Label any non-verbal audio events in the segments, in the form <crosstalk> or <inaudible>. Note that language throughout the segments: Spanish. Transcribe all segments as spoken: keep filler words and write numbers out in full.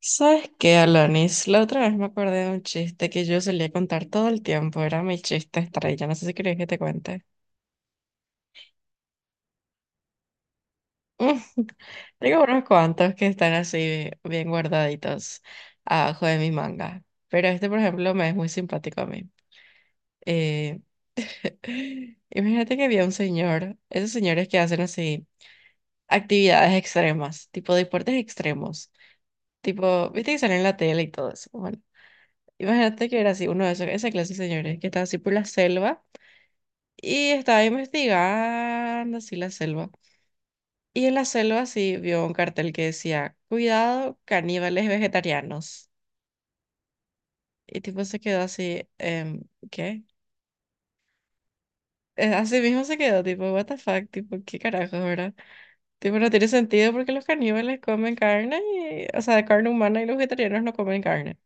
¿Sabes qué, Alanis? La otra vez me acordé de un chiste que yo solía contar todo el tiempo. Era mi chiste estrella. No sé si querés que te cuente. <laughs> Tengo unos cuantos que están así bien guardaditos abajo de mi manga. Pero este, por ejemplo, me es muy simpático a mí. Eh, <laughs> Imagínate que había un señor, esos señores que hacen así actividades extremas, tipo deportes extremos. Tipo, viste que salen en la tele y todo eso. Bueno, imagínate que era así, uno de esos, esa clase de señores, que estaba así por la selva y estaba investigando así la selva. Y en la selva así vio un cartel que decía, cuidado, caníbales vegetarianos. Y tipo se quedó así, em, ¿qué? Eh, Así mismo se quedó, tipo, what the fuck, tipo, ¿qué carajo, verdad? Tipo, no tiene sentido porque los caníbales comen carne, y- o sea, carne humana y los vegetarianos no comen carne.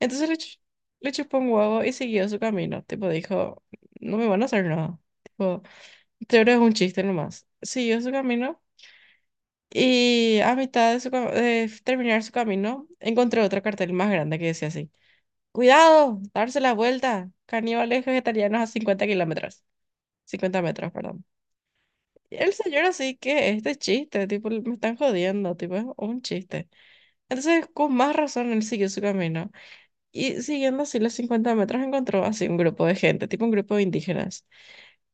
Entonces le, chu- Le chupó un huevo y siguió su camino, tipo, dijo, no me van a hacer nada. Teoro es un chiste nomás. Siguió su camino y a mitad de, su ca- de terminar su camino encontró otro cartel más grande que decía así: ¡Cuidado! ¡Darse la vuelta! Caníbales vegetarianos a cincuenta kilómetros. cincuenta metros, perdón. Y el señor así que este chiste, tipo, me están jodiendo, tipo, es un chiste. Entonces, con más razón, él siguió su camino. Y siguiendo así los cincuenta metros encontró así un grupo de gente, tipo un grupo de indígenas.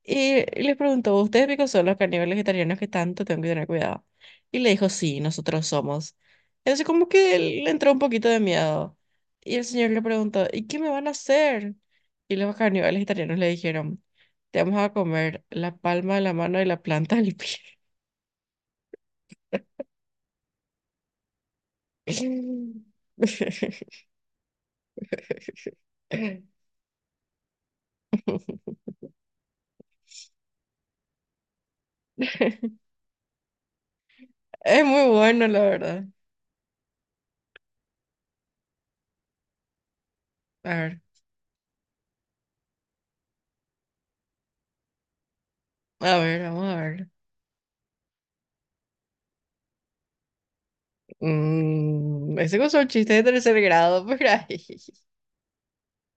Y les preguntó, ¿ustedes qué son los carnívoros vegetarianos que tanto tengo que tener cuidado? Y le dijo, sí, nosotros somos. Entonces como que le entró un poquito de miedo. Y el señor le preguntó, ¿y qué me van a hacer? Y los carnívoros vegetarianos le dijeron, te vamos a comer la palma de la mano y la planta del pie. <laughs> Es muy bueno, la verdad. A ver, a ver, vamos a ver. Mm, ese es un chiste de tercer grado por ahí.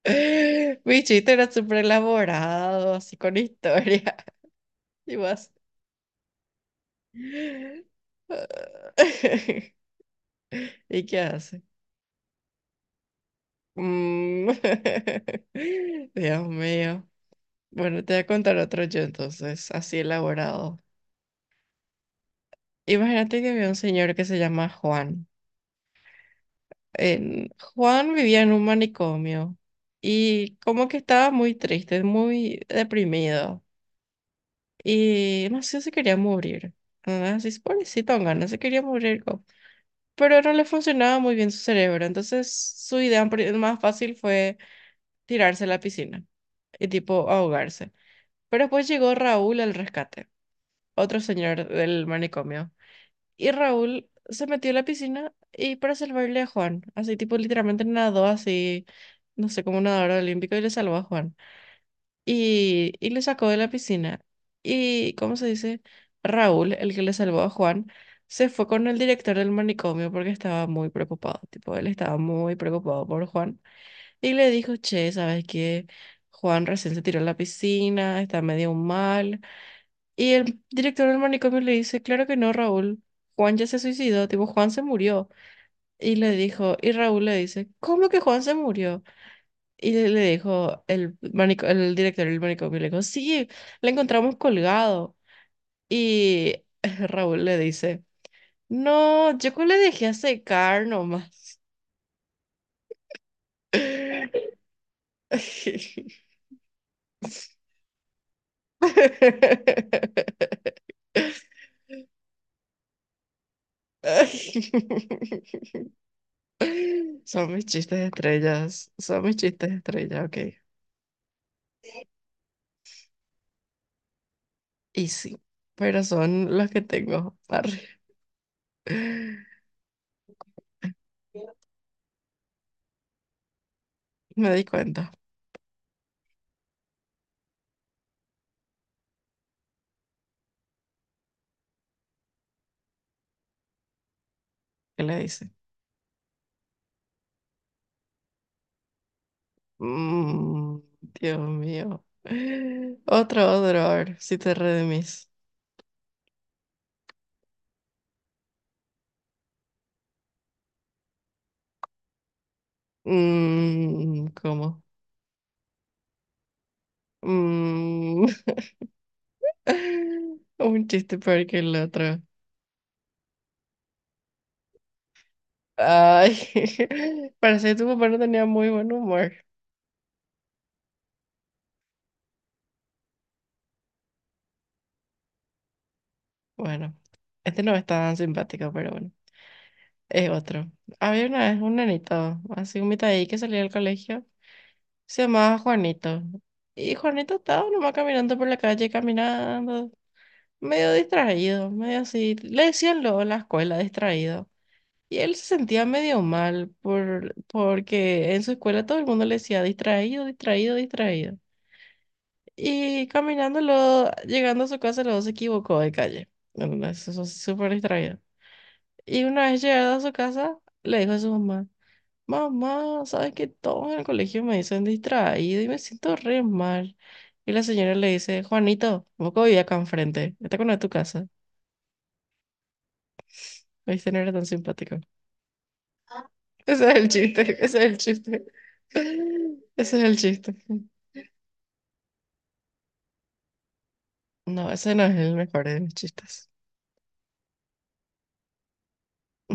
<laughs> Mi chiste era súper elaborado, así con historia <laughs> y vas <laughs> ¿Y qué hace? Mm. <laughs> Dios mío. Bueno, te voy a contar otro yo entonces, así elaborado. Imagínate que había un señor que se llama Juan. En- Juan vivía en un manicomio y como que estaba muy triste, muy deprimido y no sé, se quería morir. Así, pobrecito, no se quería morir, pero no le funcionaba muy bien su cerebro. Entonces su idea pri- más fácil fue tirarse a la piscina y tipo ahogarse. Pero después llegó Raúl al rescate, otro señor del manicomio. Y Raúl se metió a la piscina y para salvarle a Juan, así tipo literalmente nadó así, no sé, como un nadador olímpico y le salvó a Juan y, y le sacó de la piscina. Y, ¿cómo se dice? Raúl, el que le salvó a Juan, se fue con el director del manicomio porque estaba muy preocupado. Tipo, él estaba muy preocupado por Juan. Y le dijo, che, ¿sabes qué? Juan recién se tiró a la piscina, está medio mal. Y el director del manicomio le dice, claro que no, Raúl. Juan ya se suicidó, tipo, Juan se murió. Y le dijo, y Raúl le dice, ¿cómo que Juan se murió? Y le, le dijo el, manico- el director del manicomio, le dijo, sí, le encontramos colgado. Y <laughs> Raúl le dice, no, yo que le dejé a secar nomás. <laughs> Son mis chistes de estrellas, son mis chistes de estrella, ok. Y sí, pero son los que tengo. Arre. <laughs> Me di cuenta que le hice. Mm, Dios mío. Otro, otro, a ver si te redimís. Mm, ¿cómo? Mm, <laughs> un chiste peor que el otro. Ay, <laughs> parece que tu papá no tenía muy buen humor. Bueno, este no es tan simpático, pero bueno, es otro. Había una vez un nenito, así un mitad ahí que salía del colegio. Se llamaba Juanito. Y Juanito estaba nomás caminando por la calle, caminando, medio distraído, medio así. Le decían luego en la escuela distraído. Y él se sentía medio mal por, porque en su escuela todo el mundo le decía distraído, distraído, distraído. Y caminando, luego, llegando a su casa, luego se equivocó de calle. Bueno, eso es súper distraído. Y una vez llegado a su casa, le dijo a su mamá, mamá, ¿sabes que todos en el colegio me dicen distraído y me siento re mal? Y la señora le dice, Juanito, vos que vivís acá enfrente, esta acá no es tu casa. Viste, no era tan simpático. Ese es el chiste, ese es el chiste. <laughs> Ese es el chiste. No, ese no es el mejor de mis chistes.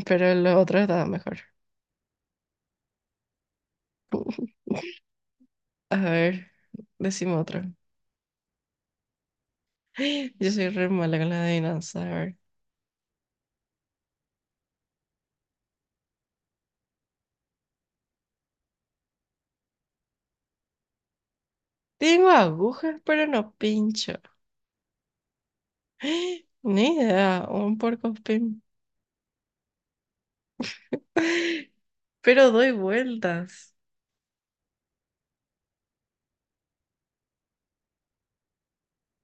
Pero el otro estaba mejor. <laughs> A ver, decime otro. <gasps> Yo soy re mala con la adivinanza. A ver. Tengo agujas, pero no pincho. <gasps> Ni idea, un porcospín. <laughs> Pero doy vueltas.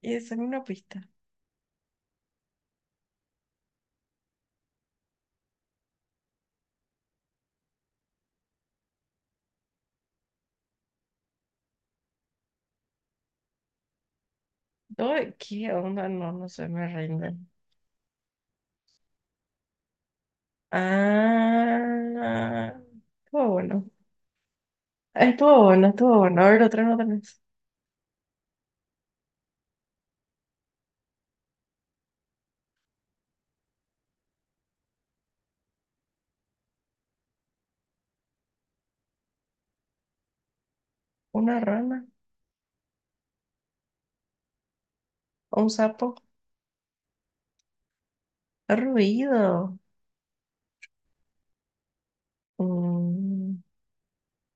Y esa es una pista. Doy, ¿qué onda? No, no sé, me rindo. Ah, estuvo bueno. Estuvo bueno, estuvo bueno. A ver, otra no tenés. Una rana, un sapo, ruido. Mm,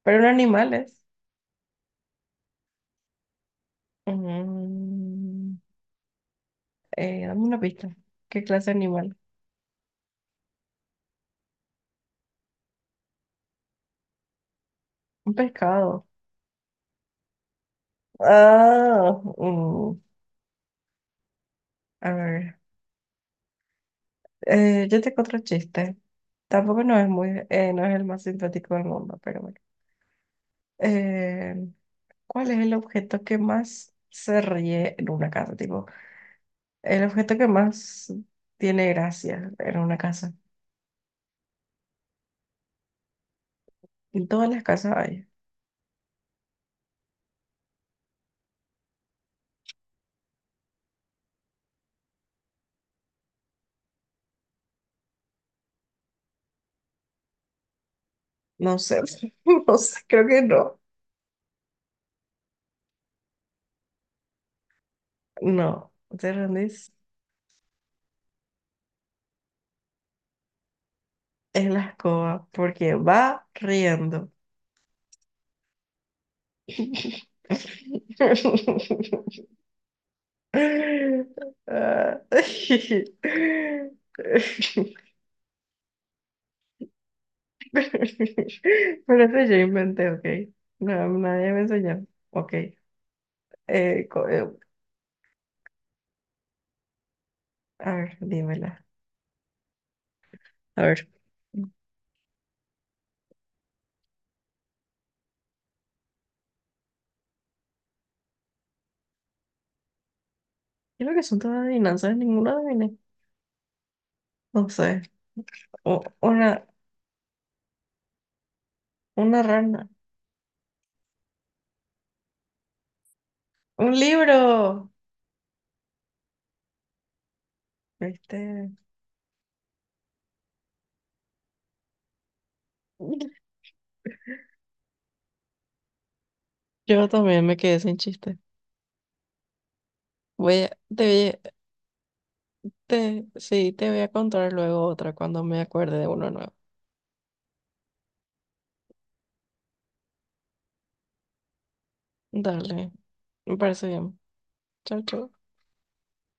pero no animales. Mm, eh, dame una pista. ¿Qué clase de animal? Un pescado. Ah, mm, a ver. Eh, yo tengo otro chiste. Tampoco no es muy, eh, no es el más simpático del mundo, pero bueno. Eh, ¿cuál es el objeto que más se ríe en una casa? Tipo, el objeto que más tiene gracia en una casa. En todas las casas hay. No sé, <laughs> no sé, creo que no. No, te rendís. Es la escoba, porque va riendo. <laughs> Ah, <laughs> pero eso yo inventé, ok. No, nadie me enseñó. Ok. Eh, co- eh, A ver, dímela. A ver, creo que son todas adivinanzas, ninguna adiviné. No sé. O- una, una rana. ¡Un libro! ¿Viste? Yo también me quedé sin chiste. Voy a, te, voy a- Te, sí, te voy a contar luego otra cuando me acuerde de uno nuevo. Dale, me parece bien. Chao, chao.